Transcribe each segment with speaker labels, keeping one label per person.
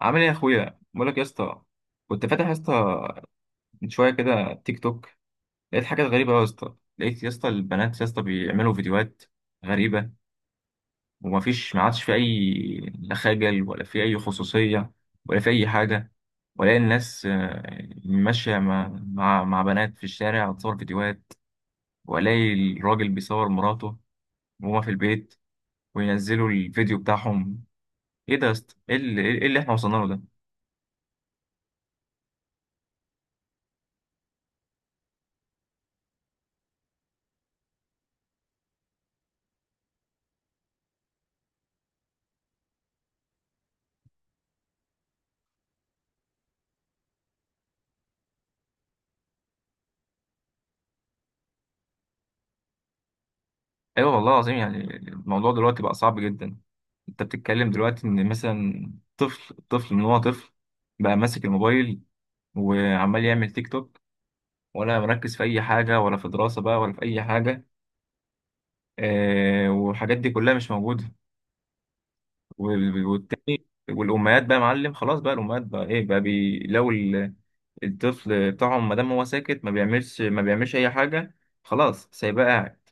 Speaker 1: عامل ايه يا اخويا؟ بقول لك يا اسطى، كنت فاتح يا اسطى من شويه كده تيك توك، لقيت حاجات غريبه قوي يا اسطى. لقيت يا اسطى البنات يا اسطى بيعملوا فيديوهات غريبه، ومفيش، ما عادش في اي، لا خجل ولا في اي خصوصيه ولا في اي حاجه. ولا الناس ماشيه مع بنات في الشارع وتصور فيديوهات، والاقي الراجل بيصور مراته وهما في البيت وينزلوا الفيديو بتاعهم. ايه ده يا اسطى؟ ايه اللي إيه اللي احنا وصلنا له ده؟ ايوه والله العظيم، يعني الموضوع دلوقتي بقى صعب جدا. انت بتتكلم دلوقتي ان مثلا طفل، من هو طفل بقى ماسك الموبايل وعمال يعمل تيك توك، ولا مركز في اي حاجه، ولا في دراسه بقى، ولا في اي حاجه. آه، والحاجات دي كلها مش موجوده. وال- والتاني والامهات بقى يا معلم، خلاص بقى الامهات بقى ايه بقى بي لو الطفل بتاعهم ما دام هو ساكت ما بيعملش اي حاجه، خلاص سايباه قاعد.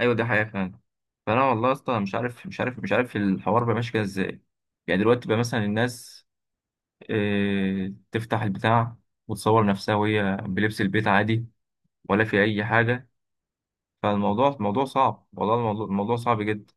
Speaker 1: ايوه دي حقيقة فعلا. فانا والله اصلا مش عارف الحوار بقى ماشي كده ازاي. يعني دلوقتي بقى مثلا الناس آه، تفتح البتاع وتصور نفسها وهي بلبس البيت عادي، ولا في اي حاجة. فالموضوع صعب. والله الموضوع صعب جدا.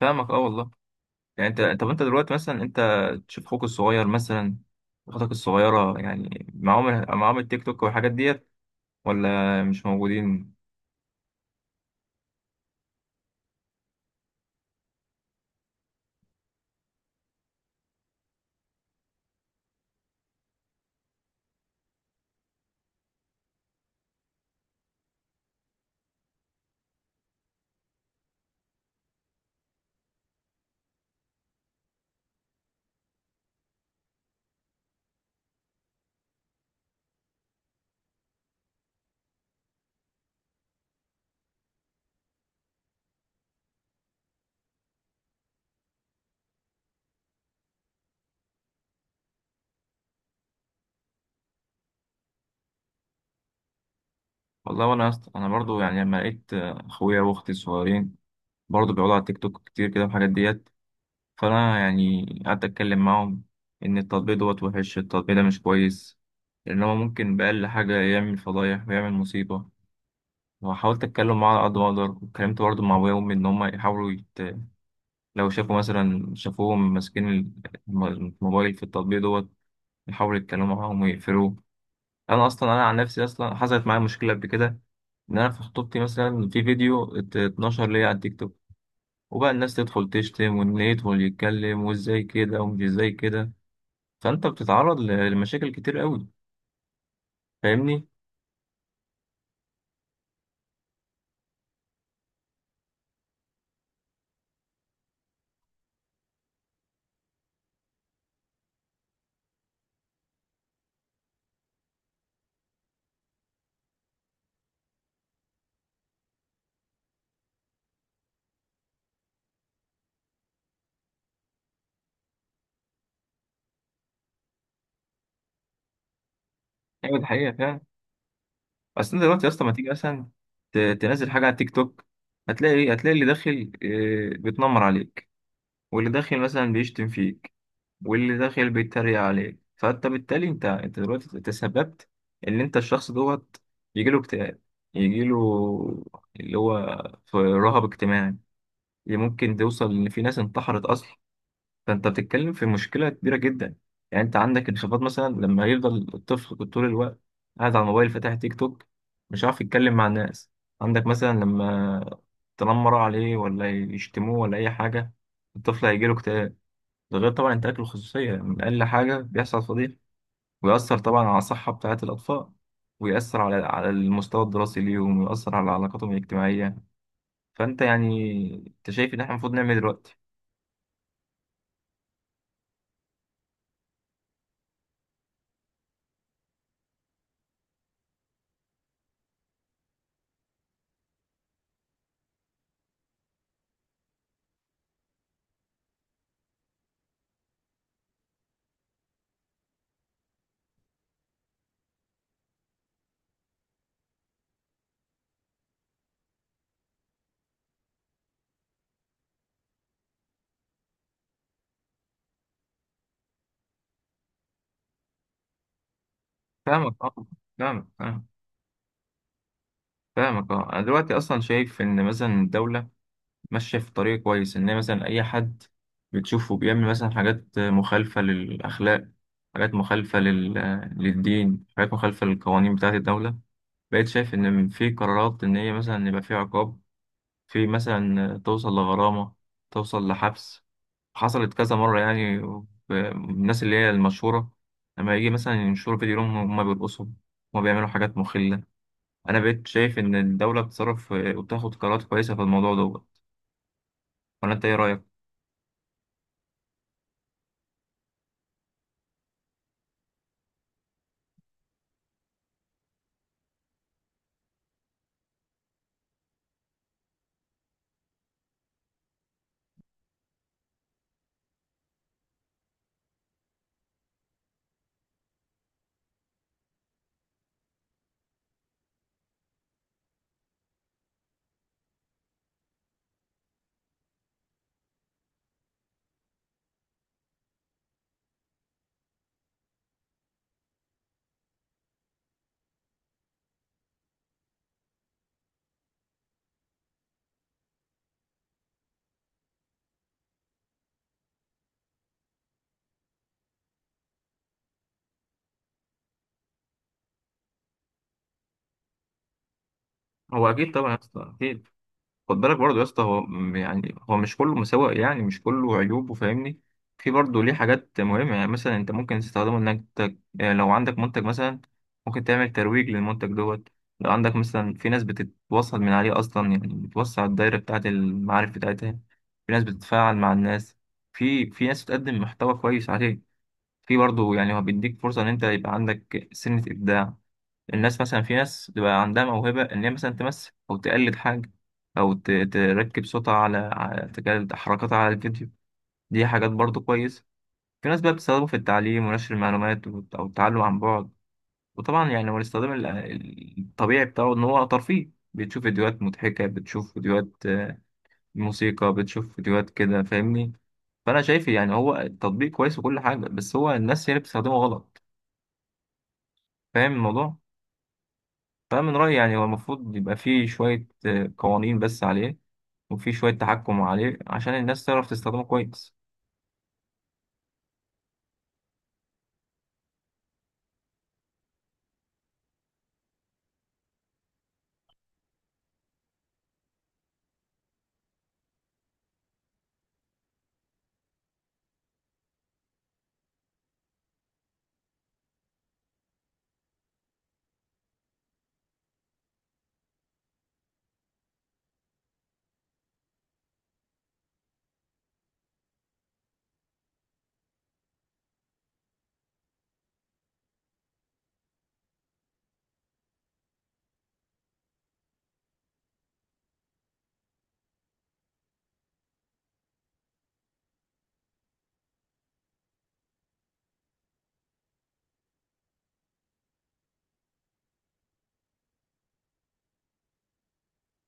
Speaker 1: فاهمك اه والله. يعني انت، طب انت دلوقتي مثلا، انت تشوف اخوك الصغير مثلا، اختك الصغيرة، يعني معاهم التيك توك والحاجات ديت، ولا مش موجودين؟ والله، انا برضو يعني لما لقيت اخويا واختي الصغيرين برضه بيقعدوا على التيك توك كتير كده والحاجات ديت، فأنا يعني قعدت أتكلم معاهم إن التطبيق دوت وحش، التطبيق ده مش كويس، لأن هو ممكن بأقل حاجة يعمل فضايح ويعمل مصيبة. وحاولت أتكلم معاه على قد ما أقدر، واتكلمت برضه مع أبويا وأمي إن هما يحاولوا يت... لو شافوا مثلا، شافوهم ماسكين الم- الموبايل في التطبيق دوت، يحاولوا يتكلموا معاهم ويقفلوه. أنا أصلا، أنا عن نفسي أصلا حصلت معايا مشكلة قبل كده، إن أنا في خطوبتي مثلا في فيديو اتنشر ليا على التيك توك، وبقى الناس تدخل تشتم، واللي يدخل يتكلم وازاي كده ومش ازاي كده. فانت بتتعرض لمشاكل كتير قوي، فاهمني؟ ايوه دي حقيقه فعلا. اصل انت دلوقتي يا اسطى، ما تيجي مثلا تنزل حاجه على التيك توك، هتلاقي ايه؟ هتلاقي اللي داخل آه، بيتنمر عليك، واللي داخل مثلا بيشتم فيك، واللي داخل بيتريق عليك. فانت بالتالي انت دلوقتي تسببت ان انت الشخص دوت يجيله اكتئاب، يجيله اللي هو في رهاب اجتماعي. ممكن توصل ان في ناس انتحرت اصلا. فانت بتتكلم في مشكله كبيره جدا. يعني انت عندك انخفاض، مثلا لما يفضل الطفل طول الوقت قاعد على الموبايل فاتح تيك توك، مش عارف يتكلم مع الناس. عندك مثلا لما تنمر عليه، ولا يشتموه، ولا اي حاجه، الطفل هيجيله اكتئاب. ده غير طبعا انتهاك الخصوصيه، من اقل حاجه بيحصل فضيحه. ويأثر طبعا على الصحه بتاعه الاطفال، ويأثر على المستوى الدراسي ليهم، ويأثر على علاقاتهم الاجتماعيه. فانت يعني، انت شايف ان احنا المفروض نعمل إيه دلوقتي؟ فاهمك اه. فاهمك. فاهمك اه. انا دلوقتي اصلا شايف ان مثلا الدوله ماشيه في طريق كويس، ان هي مثلا اي حد بتشوفه بيعمل مثلا حاجات مخالفه للاخلاق، حاجات مخالفه لل... للدين، حاجات مخالفه للقوانين بتاعه الدوله، بقيت شايف ان في قرارات، ان هي مثلا يبقى في عقاب، في مثلا توصل لغرامه، توصل لحبس. حصلت كذا مره يعني الناس اللي هي المشهوره، لما يجي مثلا ينشروا فيديو لهم هم بيرقصوا، هم بيعملوا حاجات مخله. انا بقيت شايف ان الدوله بتصرف وتاخد قرارات كويسه في الموضوع دوت، ولا انت ايه رايك؟ هو اكيد طبعا يا اسطى، اكيد. خد بالك برضه يا اسطى، يعني هو مش كله مساوئ، يعني مش كله عيوبه، فاهمني؟ في برضه ليه حاجات مهمه، يعني مثلا انت ممكن تستخدمه انك يعني لو عندك منتج مثلا، ممكن تعمل ترويج للمنتج دوت. لو عندك مثلا، في ناس بتتوصل من عليه اصلا، يعني بتوسع الدايره بتاعت المعارف بتاعتها. في ناس بتتفاعل مع الناس، في ناس بتقدم محتوى كويس عليه. في برضه يعني، هو بيديك فرصة إن أنت يبقى عندك سنة إبداع. الناس مثلا، في ناس بيبقى عندها موهبة، إن هي مثلا تمثل أو تقلد حاجة، أو تركب صوتها على تقلد حركاتها على الفيديو. دي حاجات برضه كويسة. في ناس بقى بتستخدمه في التعليم ونشر المعلومات أو التعلم عن بعد. وطبعا يعني، هو الاستخدام الطبيعي بتاعه إن هو ترفيه، بتشوف فيديوهات مضحكة، بتشوف فيديوهات آه، موسيقى، بتشوف فيديوهات كده، فاهمني؟ فأنا شايف يعني هو التطبيق كويس وكل حاجة، بس هو الناس هي اللي بتستخدمه غلط، فاهم الموضوع؟ فمن رأيي يعني هو المفروض يبقى فيه شوية آه، قوانين بس عليه، وفيه شوية تحكم عليه، عشان الناس تعرف تستخدمه كويس.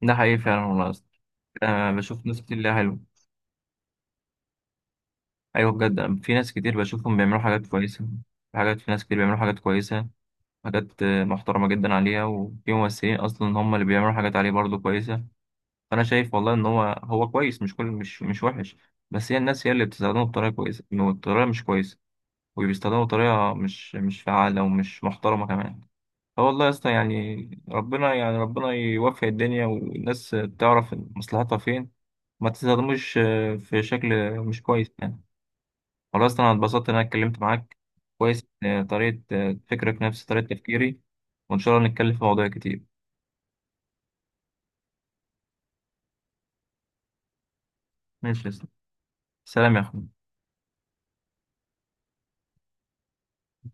Speaker 1: ده حقيقي فعلا والله يا اسطى. أنا بشوف ناس كتير ليها حلو. أيوة بجد، أنا في ناس كتير بشوفهم بيعملوا حاجات كويسة. في حاجات، في ناس كتير بيعملوا حاجات كويسة، حاجات آه، محترمة جدا عليها. وفي ممثلين أصلا هم اللي بيعملوا حاجات عليه برضه كويسة. فأنا شايف والله إن هو، هو كويس، مش كل، مش وحش، بس هي الناس هي اللي بتستخدمه بطريقة كويسة بطريقة مش كويسة، وبيستخدموه بطريقة مش فعالة ومش محترمة كمان. فوالله يا اسطى، يعني ربنا، يعني ربنا يوفق الدنيا، والناس تعرف مصلحتها فين، ما تستخدموش آه، في شكل مش كويس يعني. والله اصلا انا اتبسطت ان انا اتكلمت معاك. كويس آه، طريقة آه، فكرك نفس طريقة تفكيري. وان شاء الله نتكلم في مواضيع كتير. ماشي يا اسطى. سلام يا اخوي.